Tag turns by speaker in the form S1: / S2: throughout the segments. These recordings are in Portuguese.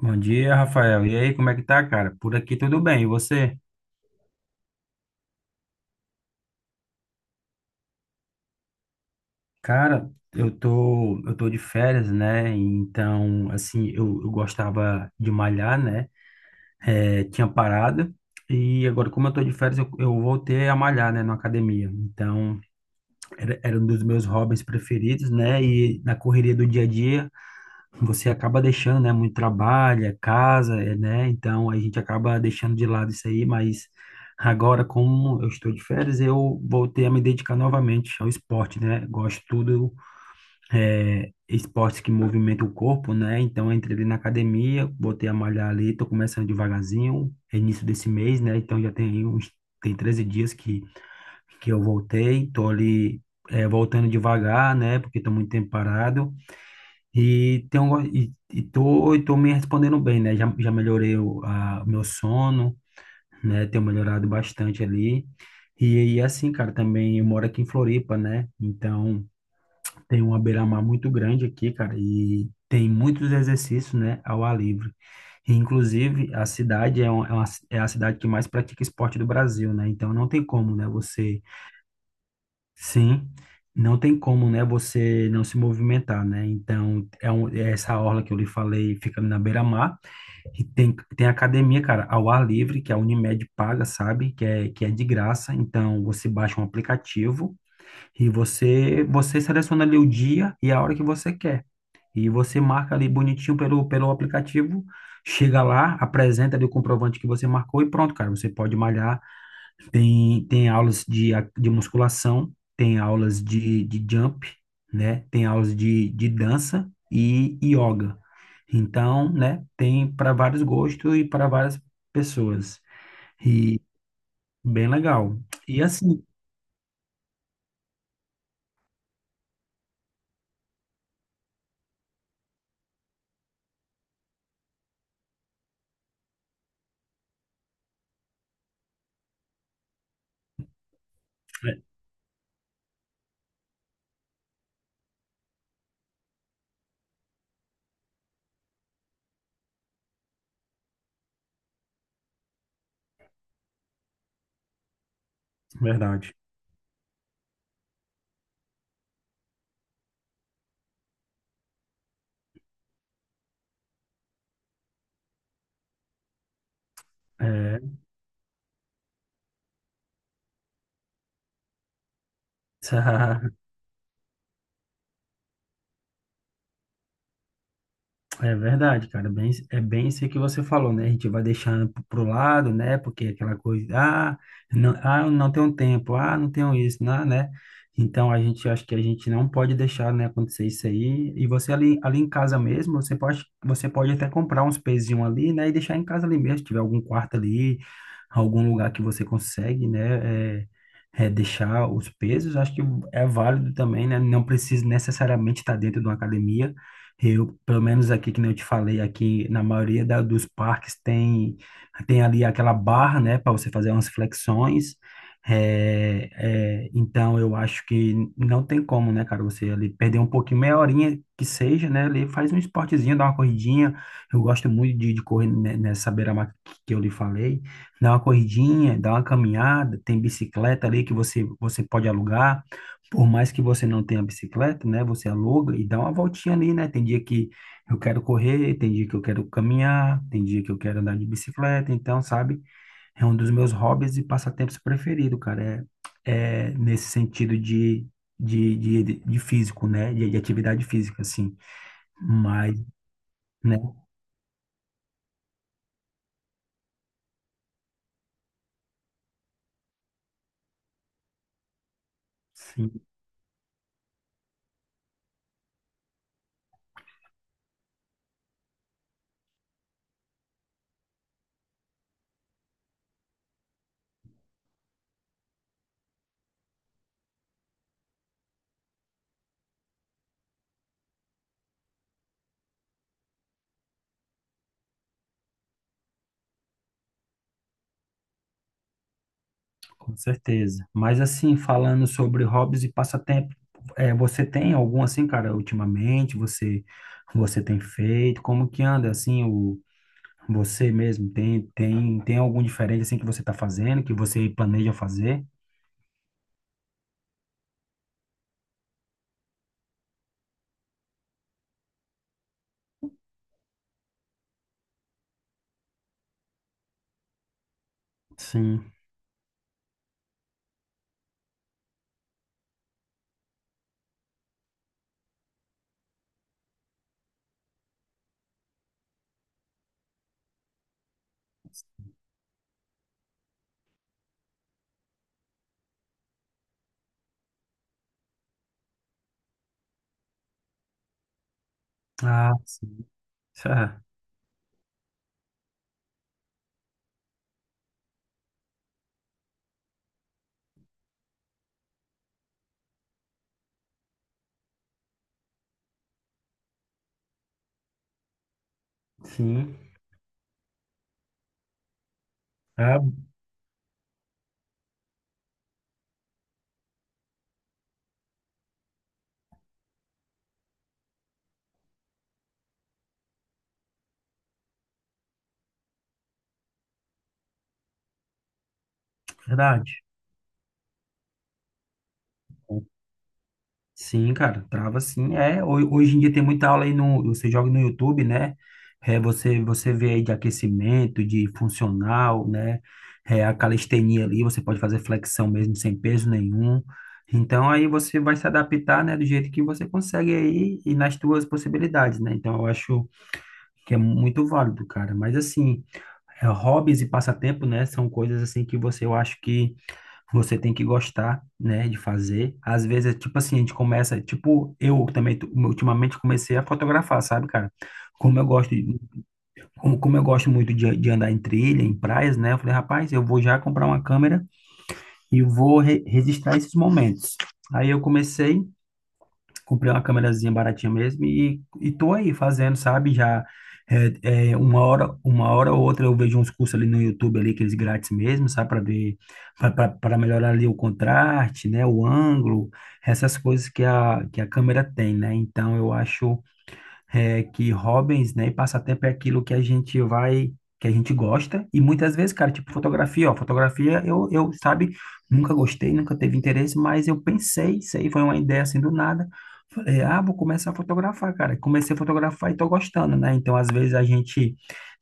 S1: Bom dia, Rafael. E aí, como é que tá, cara? Por aqui tudo bem. E você? Cara, eu tô de férias, né? Então, assim, eu gostava de malhar, né? É, tinha parado. E agora, como eu tô de férias, eu voltei a malhar, né, na academia. Então, era um dos meus hobbies preferidos, né? E na correria do dia a dia, você acaba deixando, né? Muito trabalho, é casa, é, né? Então a gente acaba deixando de lado isso aí, mas agora, como eu estou de férias, eu voltei a me dedicar novamente ao esporte, né? Gosto tudo, é, esportes que movimentam o corpo, né? Então eu entrei ali na academia, botei a malhar ali, tô começando devagarzinho, é início desse mês, né? Então tem 13 dias que eu voltei, tô ali. É, voltando devagar, né? Porque estou muito tempo parado, e, tem um, e tô me respondendo bem, né? Já melhorei o meu sono, né? Tenho melhorado bastante ali. E assim, cara, também eu moro aqui em Floripa, né? Então tem uma beira-mar muito grande aqui, cara, e tem muitos exercícios, né, ao ar livre. E, inclusive, a cidade é, uma, é, uma- é a cidade que mais pratica esporte do Brasil, né? Então não tem como, né, você. Sim, não tem como, né, você não se movimentar, né? Então, é essa orla que eu lhe falei, fica ali na beira-mar, e tem academia, cara, ao ar livre, que a Unimed paga, sabe? Que é de graça, então você baixa um aplicativo e você seleciona ali o dia e a hora que você quer. E você marca ali bonitinho pelo aplicativo, chega lá, apresenta ali o comprovante que você marcou e pronto, cara, você pode malhar. Tem aulas de musculação, tem aulas de jump, né? Tem aulas de dança e yoga. Então, né? Tem para vários gostos e para várias pessoas. E bem legal. E assim, é, verdade. É. É verdade, cara. Bem, é bem isso que você falou, né? A gente vai deixando pro lado, né? Porque é aquela coisa, ah, não, ah, eu não tenho tempo, ah, não tenho isso, não, né? Então a gente acho que a gente não pode deixar, né, acontecer isso aí. E você ali, ali em casa mesmo, você pode até comprar uns pezinhos ali, né? E deixar em casa ali mesmo, se tiver algum quarto ali, algum lugar que você consegue, né? Deixar os pesos, acho que é válido também, né? Não precisa necessariamente estar dentro de uma academia. Eu, pelo menos aqui, que nem eu te falei, aqui na maioria dos parques tem, tem ali aquela barra, né, para você fazer umas flexões. É, então, eu acho que não tem como, né, cara, você ali perder um pouquinho, meia horinha que seja, né, ali faz um esportezinho, dá uma corridinha. Eu gosto muito de correr nessa beira-mar que eu lhe falei. Dá uma corridinha, dá uma caminhada, tem bicicleta ali que você pode alugar. Por mais que você não tenha bicicleta, né? Você aluga e dá uma voltinha ali, né? Tem dia que eu quero correr, tem dia que eu quero caminhar, tem dia que eu quero andar de bicicleta. Então, sabe? É um dos meus hobbies e passatempos preferido, cara. É, é nesse sentido de físico, né? De atividade física, assim. Mas, né? Sim. Com certeza. Mas assim, falando sobre hobbies e passatempo, é, você tem algum assim, cara, ultimamente? Você tem feito? Como que anda assim o você mesmo tem algum diferente assim que você está fazendo, que você planeja fazer? Sim. Ah, sim. Ah, sim. É verdade. Sim, cara, trava sim. É, hoje em dia tem muita aula aí no, você joga no YouTube, né? É, você vê aí de aquecimento, de funcional, né? É, a calistenia ali, você pode fazer flexão mesmo sem peso nenhum. Então aí você vai se adaptar, né, do jeito que você consegue aí e nas tuas possibilidades, né? Então eu acho que é muito válido, cara. Mas assim, é, hobbies e passatempo, né, são coisas assim que você eu acho que você tem que gostar, né, de fazer. Às vezes, é tipo assim, a gente começa, tipo, eu também ultimamente comecei a fotografar, sabe, cara? Como eu gosto, de- como eu gosto muito de andar em trilha, em praias, né? Eu falei, rapaz, eu vou já comprar uma câmera e vou registrar esses momentos. Aí eu comecei, comprei uma câmerazinha baratinha mesmo e tô aí fazendo, sabe? Já é, é, uma hora ou outra eu vejo uns cursos ali no YouTube ali, aqueles grátis mesmo, sabe? Para ver, para melhorar ali o contraste, né? O ângulo, essas coisas que a câmera tem, né? Então eu acho é, que hobbies, né, e passatempo é aquilo que a gente vai, que a gente gosta, e muitas vezes, cara, tipo fotografia, ó, fotografia sabe, nunca gostei, nunca teve interesse, mas eu pensei, isso aí foi uma ideia assim do nada, falei, ah, vou começar a fotografar, cara, comecei a fotografar e tô gostando, né, então às vezes a gente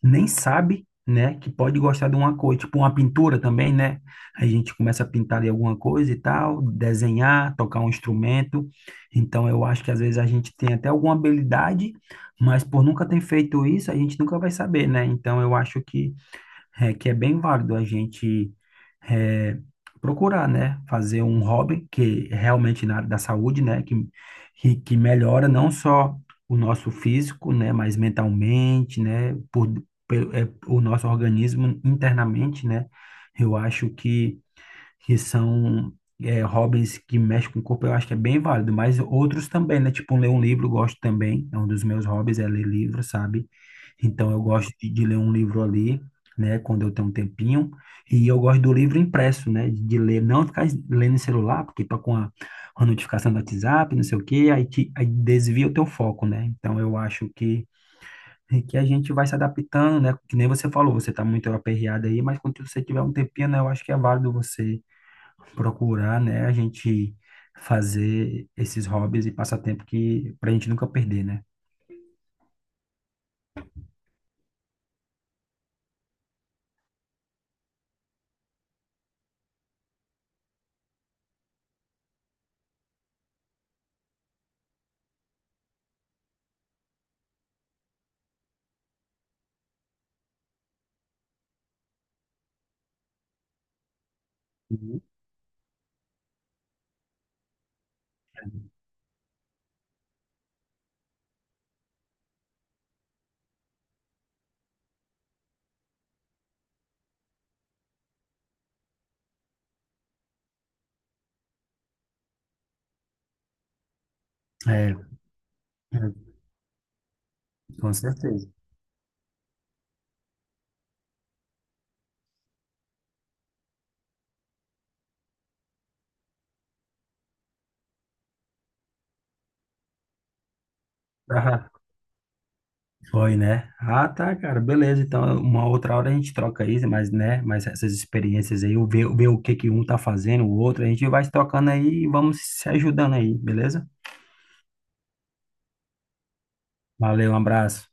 S1: nem sabe, né, que pode gostar de uma coisa, tipo uma pintura também, né, a gente começa a pintar de alguma coisa e tal, desenhar, tocar um instrumento, então eu acho que às vezes a gente tem até alguma habilidade, mas por nunca ter feito isso, a gente nunca vai saber, né? Então eu acho que é bem válido a gente é, procurar, né? Fazer um hobby que realmente na área da saúde, né? Que melhora não só o nosso físico, né? Mas mentalmente, né? Por, é, o nosso organismo internamente, né? Eu acho que são é, hobbies que mexem com o corpo, eu acho que é bem válido, mas outros também, né? Tipo, ler um livro, eu gosto também, é um dos meus hobbies, é ler livro, sabe? Então, eu gosto de ler um livro ali, né, quando eu tenho um tempinho, e eu gosto do livro impresso, né, de ler, não ficar lendo em celular, porque tá com a notificação do WhatsApp, não sei o quê, aí, te, aí desvia o teu foco, né? Então, eu acho que a gente vai se adaptando, né? Que nem você falou, você tá muito aperreado aí, mas quando você tiver um tempinho, né, eu acho que é válido você procurar, né, a gente fazer esses hobbies e passatempo que pra gente nunca perder, né? Uhum. É, é, com certeza. Ah, foi, né? Ah, tá, cara, beleza. Então, uma outra hora a gente troca aí, mas, né, mas essas experiências aí, o ver, ver o que que um tá fazendo, o outro, a gente vai se trocando aí e vamos se ajudando aí, beleza? Valeu, um abraço.